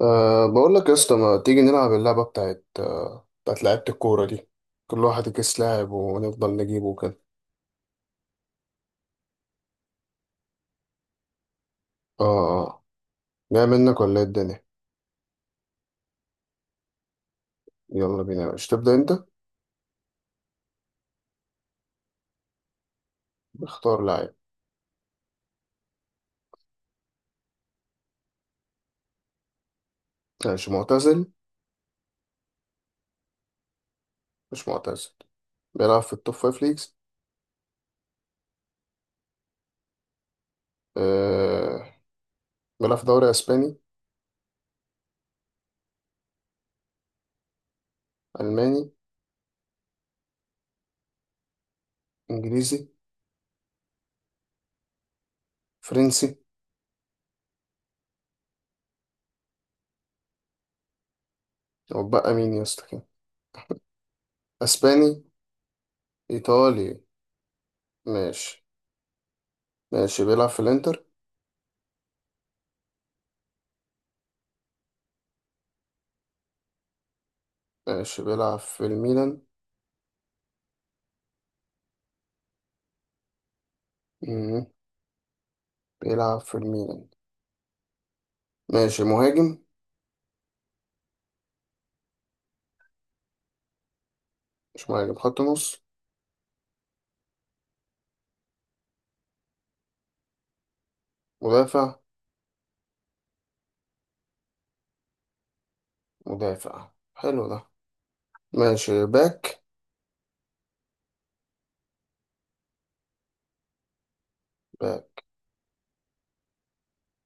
بقول لك يا اسطى، ما تيجي نلعب اللعبة بتاعت بتاعت لعيبة الكورة دي. كل واحد يكيس لاعب ونفضل نجيبه كده. اه. اه أه. جاي منك ولا ايه الدنيا؟ يلا بينا، مش تبدأ انت؟ اختار لاعب. ماشي، معتزل؟ مش معتزل. بيلعب في التوب فايف ليجز؟ أه بيلعب في دوري اسباني؟ الماني؟ انجليزي؟ فرنسي؟ وبقى مين يا اسطى كده؟ اسباني؟ ايطالي؟ ماشي ماشي بيلعب في الانتر؟ ماشي، بيلعب في الميلان؟ مم. بيلعب في الميلان. ماشي، مهاجم؟ مش مهاجم، خط نص؟ مدافع؟ مدافع حلو ده. ماشي، باك؟ باك.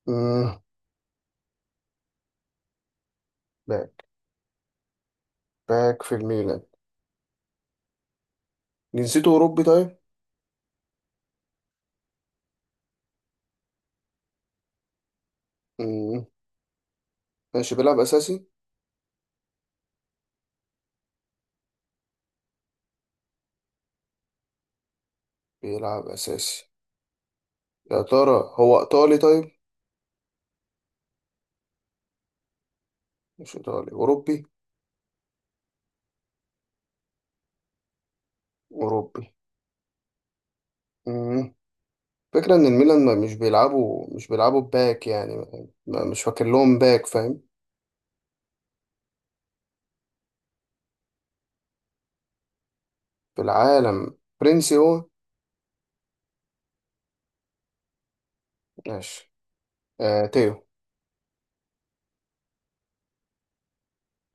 مم. باك. باك في الميلان. جنسيته أوروبي طيب؟ مم. ماشي، بيلعب أساسي؟ بيلعب أساسي. يا ترى هو إيطالي طيب؟ مش إيطالي، أوروبي؟ أوروبي. مم. فكرة إن الميلان ما مش بيلعبوا باك يعني مش فاكر لهم باك، فاهم؟ في العالم. فرنسي هو؟ ماشي. تيو؟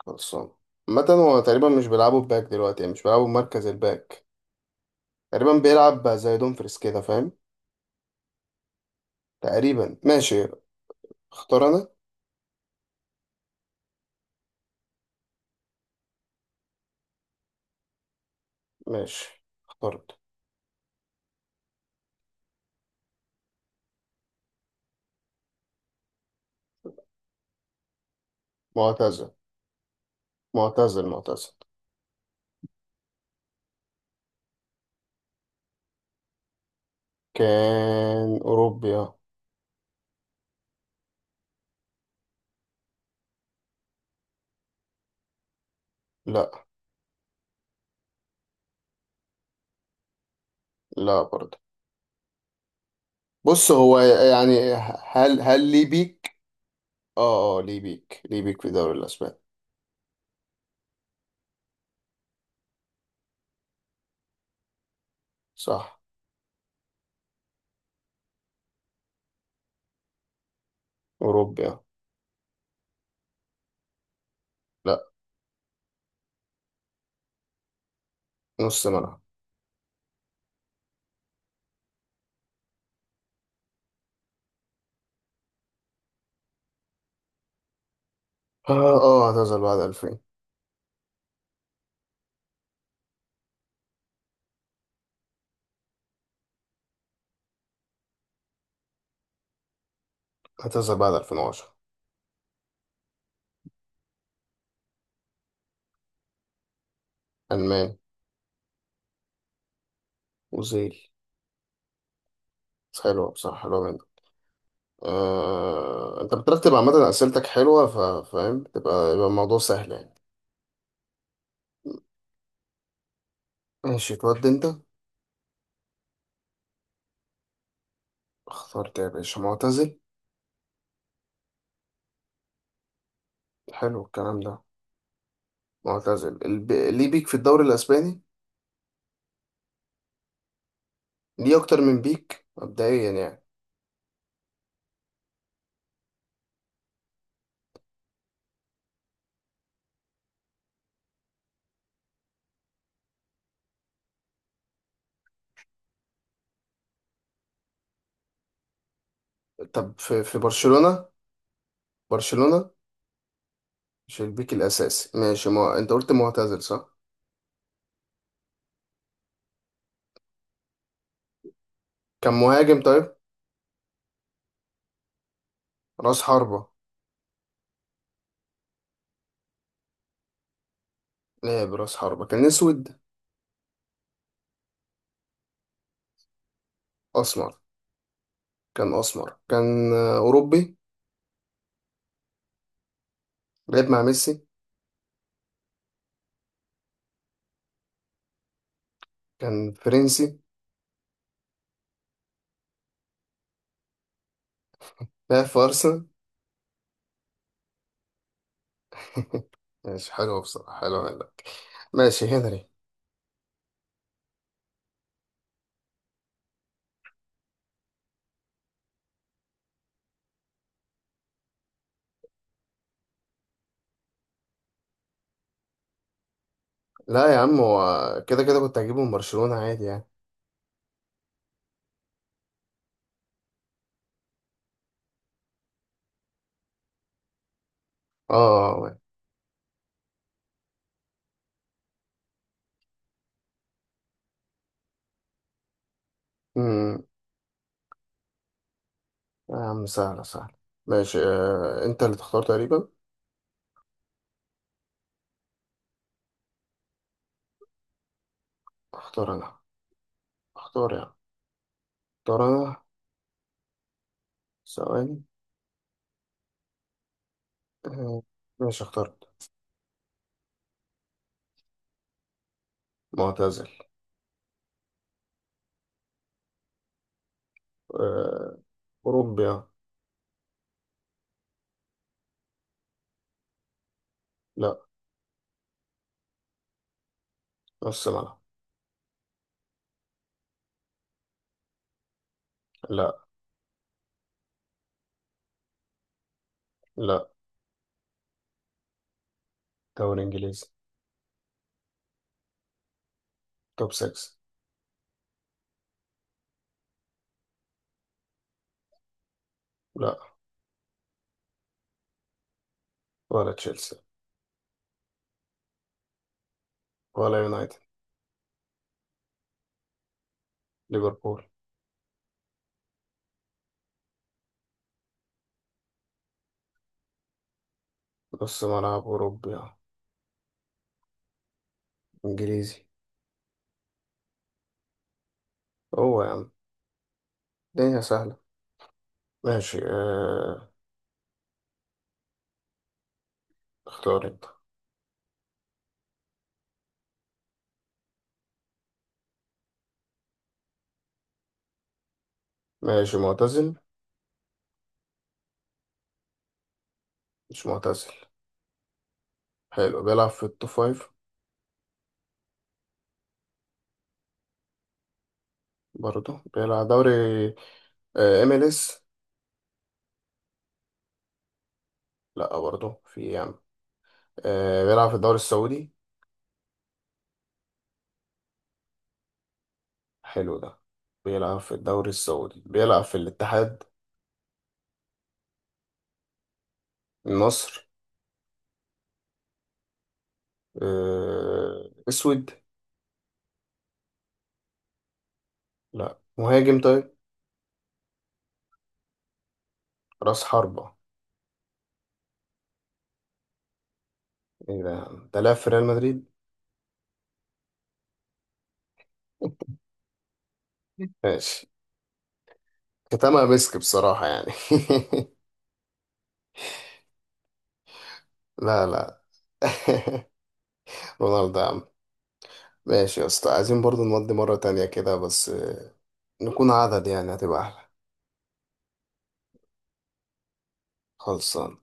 خلصان. عامة هو تقريبا مش بيلعبوا باك دلوقتي، يعني مش بيلعبوا مركز الباك. تقريبا بيلعب زي دومفريس كده، فاهم؟ تقريبا. ماشي. اختار انا. ماشي، اخترت. معتزل، معتزل، معتزل. كان اوروبيا. لا، لا، برضه بص هو يعني. هل ليه بيك؟ اه، اه، ليه بيك، ليه بيك في الدوري الاسباني؟ صح. اوروبيا. لا. نص ملعب. اه، اه، اعتزل بعد 2000؟ اعتزل بعد 2010. الماني. اوزيل. حلوة بصراحة، حلوة جدا. انت بترتب عامة اسئلتك حلوة. فاهم. يبقى الموضوع سهل يعني. ماشي، تودي انت؟ اخترت يا باشا. معتزل. حلو الكلام ده. معتزل. ليه بيك في الدوري الاسباني؟ ليه اكتر من بيك مبدئيا يعني؟ طب في برشلونة؟ برشلونة. مش البيك الاساسي. ماشي. ما... انت قلت معتزل، صح؟ كان مهاجم طيب؟ راس حربة؟ لعب راس حربة. كان اسود؟ اسمر؟ كان اسمر. كان اوروبي. لعب مع ميسي؟ كان فرنسي؟ لا، في أرسنال. ماشي، حلو بصراحة، حلو منك. ماشي، هنري؟ لا يا عم، هو كده كده كنت هجيبه من برشلونة عادي يعني. اه. امم يا عم، سهلة سهلة. ماشي. آه. انت اللي تختار تقريبا. اختار انا. اختار يعني. اختار انا. ثواني. آه. ماشي، اخترت. معتزل. آه. اوروبي. آه. لا. نص ملعب. لا. لا. دوري انجليزي. توب 6. لا. ولا تشيلسي. ولا يونايتد. ليفربول. نص ملعب أوروبي. آه. إنجليزي. هو يا عم. الدنيا سهلة. ماشي. آه. اختار أنت. ماشي، معتزل؟ مش معتزل. حلو، بيلعب في التوب فايف؟ برضه بيلعب دوري MLS؟ لا برضه. في إيه يا عم؟ آه. بيلعب في الدوري السعودي؟ حلو ده. بيلعب في الدوري السعودي. بيلعب في الاتحاد؟ النصر؟ آه. اسود؟ لا، مهاجم طيب؟ راس حربة؟ ايه ده يا عم، ده لاعب في ريال مدريد. ماشي. كتمها مسك بصراحة يعني. لا، لا. رونالدو يا عم. ماشي يا اسطى، عايزين برضو نودي مرة تانية كده بس نكون عدد، يعني هتبقى أحلى. خلصان.